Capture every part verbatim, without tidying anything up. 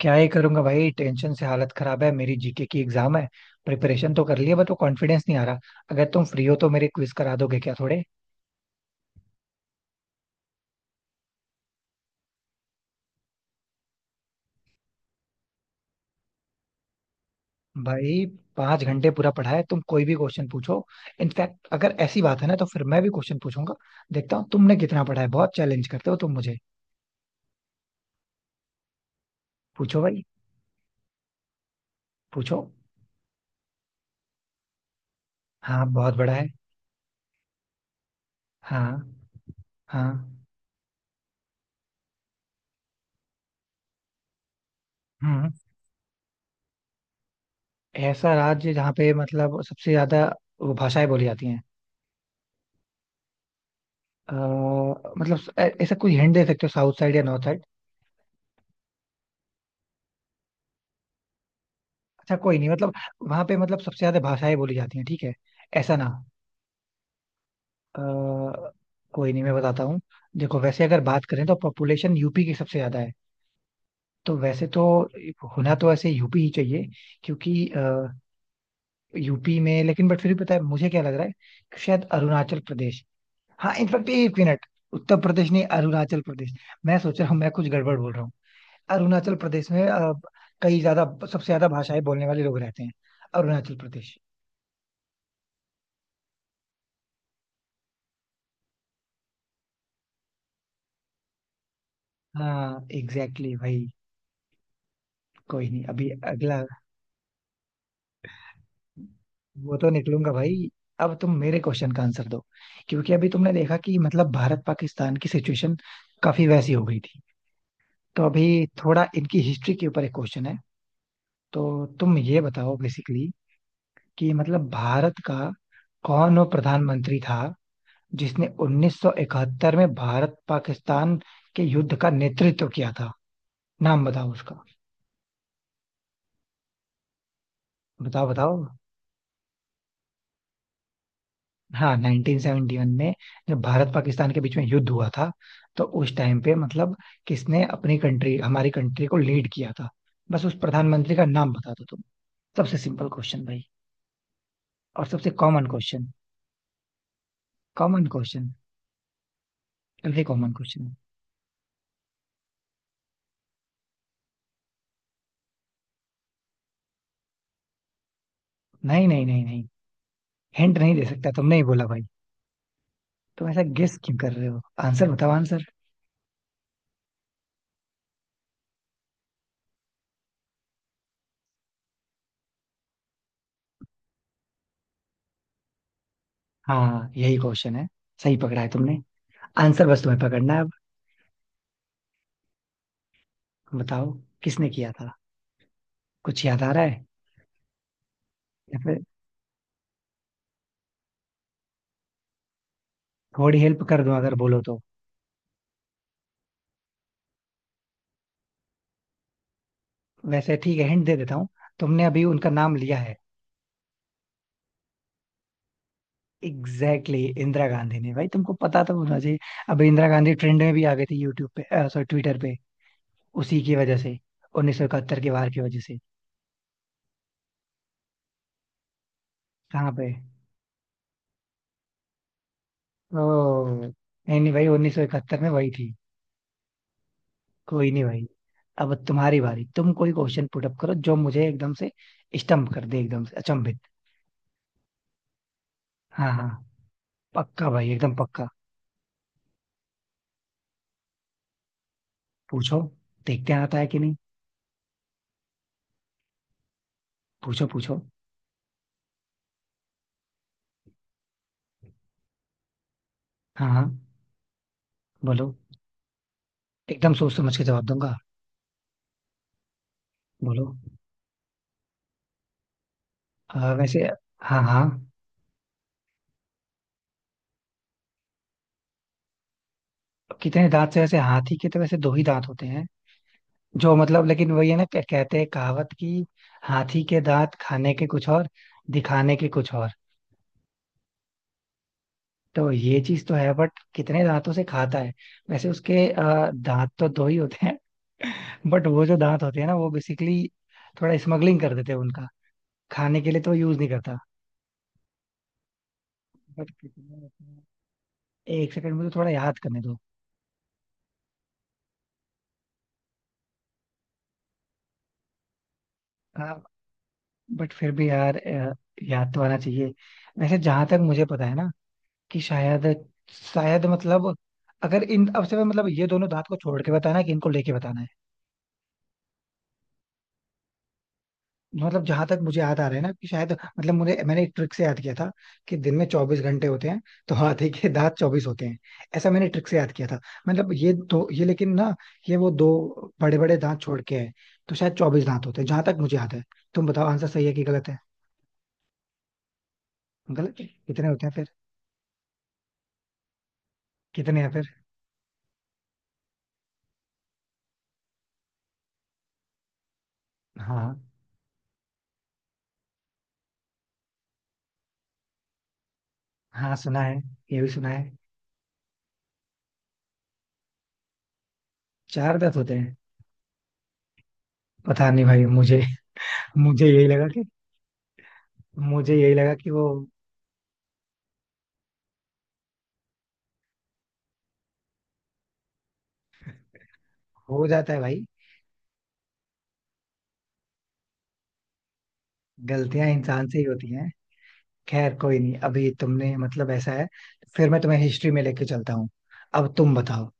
क्या ही करूंगा भाई, टेंशन से हालत खराब है मेरी। जीके की एग्जाम है। प्रिपरेशन तो कर लिया बट वो कॉन्फिडेंस नहीं आ रहा। अगर तुम फ्री हो तो मेरे क्विज करा दोगे क्या थोड़े। भाई, पांच घंटे पूरा पढ़ा है। तुम कोई भी क्वेश्चन पूछो। इनफैक्ट अगर ऐसी बात है ना तो फिर मैं भी क्वेश्चन पूछूंगा। देखता हूँ तुमने कितना पढ़ा है। बहुत चैलेंज करते हो तुम मुझे। पूछो भाई। पूछो। हाँ, बहुत बड़ा है। हाँ। हाँ। हम्म। ऐसा राज्य जहाँ पे मतलब सबसे ज्यादा वो भाषाएं बोली जाती हैं। अ, मतलब ऐ- ऐसा कोई हिंट दे सकते हो, साउथ साइड या नॉर्थ? अच्छा, कोई नहीं मतलब। वहां पे मतलब सबसे ज्यादा भाषाएं बोली जाती हैं ठीक है, ऐसा ना? अ, कोई नहीं, मैं बताता हूँ। देखो वैसे अगर बात करें तो पॉपुलेशन यूपी की सबसे ज्यादा है। तो वैसे तो होना तो ऐसे यूपी ही चाहिए, क्योंकि यूपी में। लेकिन बट फिर भी पता है मुझे क्या लग रहा है कि शायद अरुणाचल प्रदेश। हाँ इनफैक्ट एक मिनट, उत्तर प्रदेश नहीं अरुणाचल प्रदेश। मैं सोच रहा हूँ मैं कुछ गड़बड़ बोल रहा हूँ। अरुणाचल प्रदेश में अ, कई ज्यादा सबसे ज्यादा भाषाएं बोलने वाले लोग रहते हैं। अरुणाचल प्रदेश। हाँ एग्जैक्टली exactly भाई। कोई नहीं, अभी अगला। वो तो निकलूंगा भाई। अब तुम मेरे क्वेश्चन का आंसर दो, क्योंकि अभी तुमने देखा कि मतलब भारत पाकिस्तान की सिचुएशन काफी वैसी हो गई थी। तो अभी थोड़ा इनकी हिस्ट्री के ऊपर एक क्वेश्चन है। तो तुम ये बताओ बेसिकली कि मतलब भारत का कौन वो प्रधानमंत्री था जिसने उन्नीस सौ इकहत्तर में भारत पाकिस्तान के युद्ध का नेतृत्व किया था। नाम बताओ उसका। बताओ बताओ। हाँ नाइनटीन सेवेंटी वन में जब भारत पाकिस्तान के बीच में युद्ध हुआ था, तो उस टाइम पे मतलब किसने अपनी कंट्री हमारी कंट्री को लीड किया था। बस उस प्रधानमंत्री का नाम बता दो तुम। सबसे सिंपल क्वेश्चन भाई। और सबसे common question. Common question, very common question. नहीं नहीं नहीं नहीं, हिंट नहीं दे सकता। तुमने ही बोला भाई। तुम ऐसा गेस क्यों कर रहे हो? आंसर बताओ, आंसर। हाँ यही क्वेश्चन है। सही पकड़ा है तुमने। आंसर बस तुम्हें पकड़ना है अब। बताओ। किसने किया था? कुछ याद आ रहा है या फिर? थोड़ी हेल्प कर दूं अगर बोलो तो। वैसे ठीक है, हिंट दे देता हूँ। तुमने अभी उनका नाम लिया है। एग्जैक्टली exactly, इंदिरा गांधी ने। भाई तुमको पता तो होना चाहिए। अभी इंदिरा गांधी ट्रेंड में भी आ गई थी यूट्यूब पे सॉरी ट्विटर पे। उसी की वजह से, उन्नीस सौ इकहत्तर के वार की वजह से। कहाँ पे? ओ, नहीं नहीं भाई, उन्नीस सौ इकहत्तर में वही थी। कोई नहीं भाई। अब तुम्हारी बारी। तुम कोई क्वेश्चन पुट अप करो जो मुझे एकदम से स्टम्प कर दे, एकदम से अचंभित। हाँ हाँ। पक्का भाई, एकदम पक्का। पूछो। देखते हैं आता है कि नहीं। पूछो पूछो। हाँ हाँ। बोलो। एकदम सोच समझ के जवाब दूंगा। बोलो। अ, वैसे। हाँ हाँ। कितने दांत से? वैसे हाथी के तो वैसे दो ही दांत होते हैं जो मतलब। लेकिन वही है ना क्या कहते हैं कहावत की, हाथी के दांत खाने के कुछ और, दिखाने के कुछ और। तो ये चीज तो है, बट कितने दांतों से खाता है? वैसे उसके अ, दांत तो दो ही होते हैं। बट वो जो दांत होते हैं ना वो बेसिकली थोड़ा स्मगलिंग कर देते हैं उनका, खाने के लिए तो यूज नहीं करता। बट कितने होते हैं? एक सेकंड मुझे थोड़ा याद करने दो। बट फिर भी यार, अ, याद तो आना चाहिए। वैसे जहां तक मुझे पता है ना कि शायद, शायद मतलब, अगर इन अब से मैं मतलब ये दोनों दांत को छोड़ के बताना है कि इनको लेके बताना है। मतलब जहां तक मुझे याद आ रहा है ना कि शायद, मतलब मुझे मैंने एक ट्रिक से याद किया था कि दिन में चौबीस घंटे होते हैं, तो हाथी के दांत चौबीस होते हैं। ऐसा मैंने ट्रिक से याद किया था। मतलब ये दो ये लेकिन ना, ये वो दो बड़े बड़े दांत छोड़ के है। तो शायद चौबीस दांत होते हैं, जहां तक मुझे याद है। तुम बताओ आंसर सही है कि गलत है। गलत है? कितने होते हैं फिर? कितने हैं फिर? हाँ। हाँ सुना है, ये भी सुना है। चार दांत होते हैं। पता नहीं भाई मुझे। मुझे यही लगा कि मुझे यही लगा कि वो हो जाता है भाई। गलतियां इंसान से ही होती हैं। खैर कोई नहीं, अभी तुमने मतलब ऐसा है, फिर मैं तुम्हें हिस्ट्री में लेके चलता हूँ। अब तुम बताओ।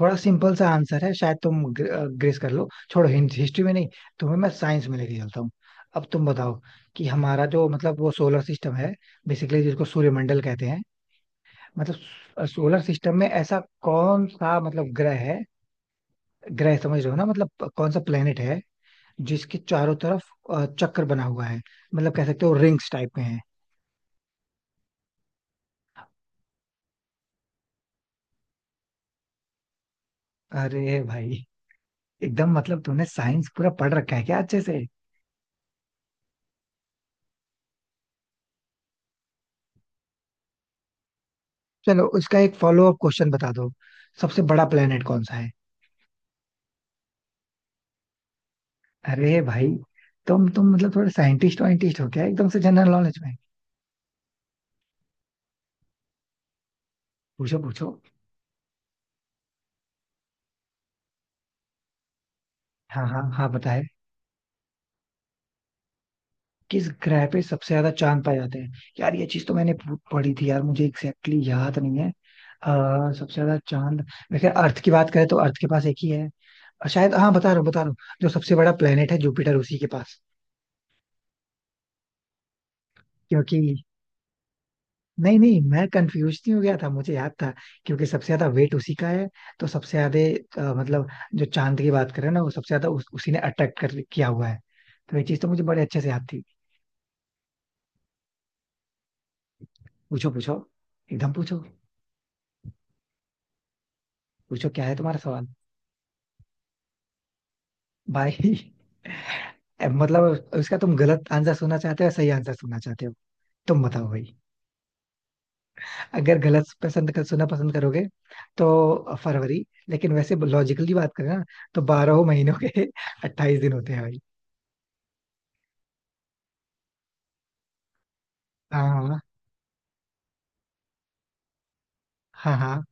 थोड़ा सिंपल सा आंसर है, शायद तुम ग्रेस कर लो। छोड़ो हिस्ट्री में नहीं, तुम्हें मैं साइंस में लेके चलता हूँ। अब तुम बताओ कि हमारा जो मतलब वो सोलर सिस्टम है, बेसिकली जिसको सूर्यमंडल कहते हैं, मतलब सोलर सिस्टम में ऐसा कौन सा मतलब ग्रह है। ग्रह समझ रहे हो ना, मतलब कौन सा प्लेनेट है जिसके चारों तरफ अ, चक्र बना हुआ है। मतलब कह सकते हो रिंग्स टाइप में है। अरे भाई, एकदम मतलब तूने साइंस पूरा पढ़ रखा है क्या अच्छे से? चलो उसका एक फॉलो अप क्वेश्चन बता दो। सबसे बड़ा प्लेनेट कौन सा है? अरे भाई, तुम तुम मतलब थोड़े साइंटिस्ट वाइंटिस्ट हो क्या एकदम से जनरल नॉलेज में? पूछो पूछो। हाँ हाँ हाँ, बताए। किस ग्रह पे सबसे ज्यादा चांद पाए जाते हैं? यार ये चीज तो मैंने पू- पढ़ी थी यार, मुझे एग्जैक्टली exactly याद नहीं है। आ, सबसे ज्यादा चांद, वैसे अर्थ की बात करें तो अर्थ के पास एक ही है, और शायद, हाँ, बता रहा हूँ बता रहा हूँ, जो सबसे बड़ा प्लेनेट है जुपिटर, उसी के पास। क्योंकि नहीं नहीं, मैं कंफ्यूज नहीं हो गया था, मुझे याद था। क्योंकि सबसे ज्यादा वेट उसी का है। तो सबसे ज्यादा अ, मतलब जो चांद की बात करें ना, वो सबसे ज्यादा उस, उसी ने अट्रैक्ट कर किया हुआ है। तो ये चीज तो मुझे बड़े अच्छे से याद थी। पूछो पूछो। एकदम पूछो। पूछो क्या है तुम्हारा सवाल? बाय। अब मतलब उसका तुम गलत आंसर सुनना चाहते हो या सही आंसर सुनना चाहते हो? तुम बताओ भाई। अगर गलत पसंद कर सुनना पसंद करोगे तो फरवरी। लेकिन वैसे लॉजिकली बात करें ना, तो बारह महीनों के अट्ठाईस दिन होते हैं भाई। हाँ हाँ। हाँ हाँ।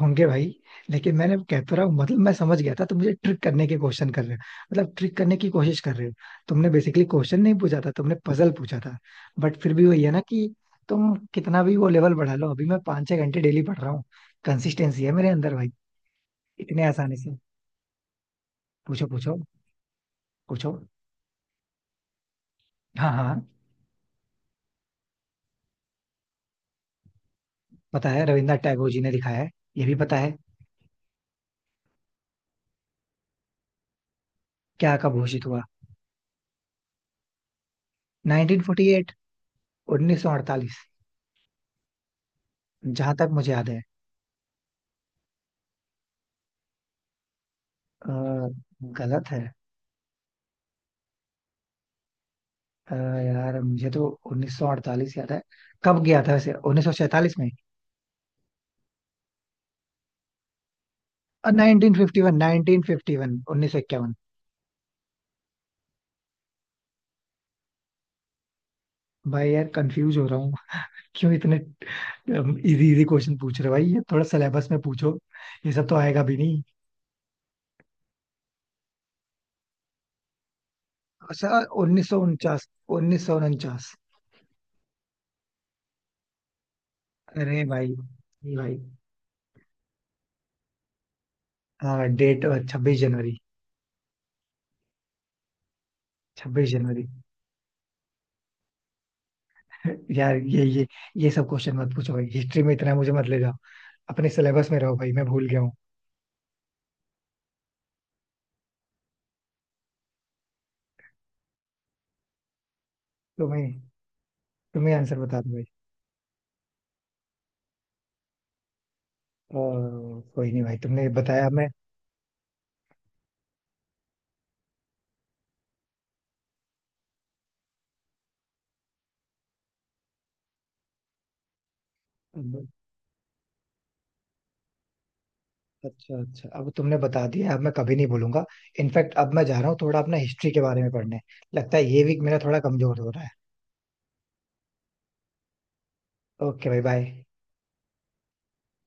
होंगे भाई। लेकिन मैंने वो कहता रहा हूँ मतलब मैं समझ गया था तुम मुझे ट्रिक करने की क्वेश्चन कर रहे हो, मतलब ट्रिक करने की कोशिश कर रहे हो। तुमने बेसिकली क्वेश्चन नहीं पूछा था, तुमने पजल पूछा था। बट फिर भी वही है ना कि तुम कितना भी वो लेवल बढ़ा लो, अभी मैं पाँच छह घंटे डेली पढ़ रहा हूँ। कंसिस्टेंसी है मेरे अंदर भाई। इतने आसानी से? पूछो पूछो। पूछो। हाँ हाँ। पता है, रविन्द्रनाथ टैगोर जी ने लिखा है। ये भी पता है। क्या कब घोषित हुआ? उन्नीस सौ अड़तालीस। उन्नीस सौ अड़तालीस, जहां तक मुझे याद है। अ, गलत है। अ, यार मुझे तो उन्नीस सौ अड़तालीस याद है। कब गया था वैसे, उन्नीस सौ सैंतालीस में। Nineteen fifty one nineteen fifty one उन्नीस सौ इक्यावन। भाई यार कंफ्यूज हो रहा हूँ। क्यों इतने इजी इजी क्वेश्चन पूछ रहे हो भाई? ये थोड़ा सिलेबस में पूछो, ये सब तो आएगा भी नहीं। अच्छा उन्नीस सौ उनचास। उन्नीस सौ उनचास। अरे भाई, ये भाई। हाँ डेट छब्बीस जनवरी। छब्बीस जनवरी। यार ये ये ये सब क्वेश्चन मत पूछो भाई। हिस्ट्री में इतना मुझे मत ले जाओ। अपने सिलेबस में रहो भाई, मैं भूल गया हूँ। तो भाई तुम्हें आंसर बता दो भाई। ओ, कोई नहीं भाई तुमने बताया मैं। अब- अच्छा अच्छा। अब तुमने बता दिया, अब मैं कभी नहीं भूलूंगा। इनफैक्ट अब मैं जा रहा हूँ थोड़ा अपना हिस्ट्री के बारे में पढ़ने। लगता है ये वीक मेरा थोड़ा कमजोर हो रहा है। ओके भाई बाय।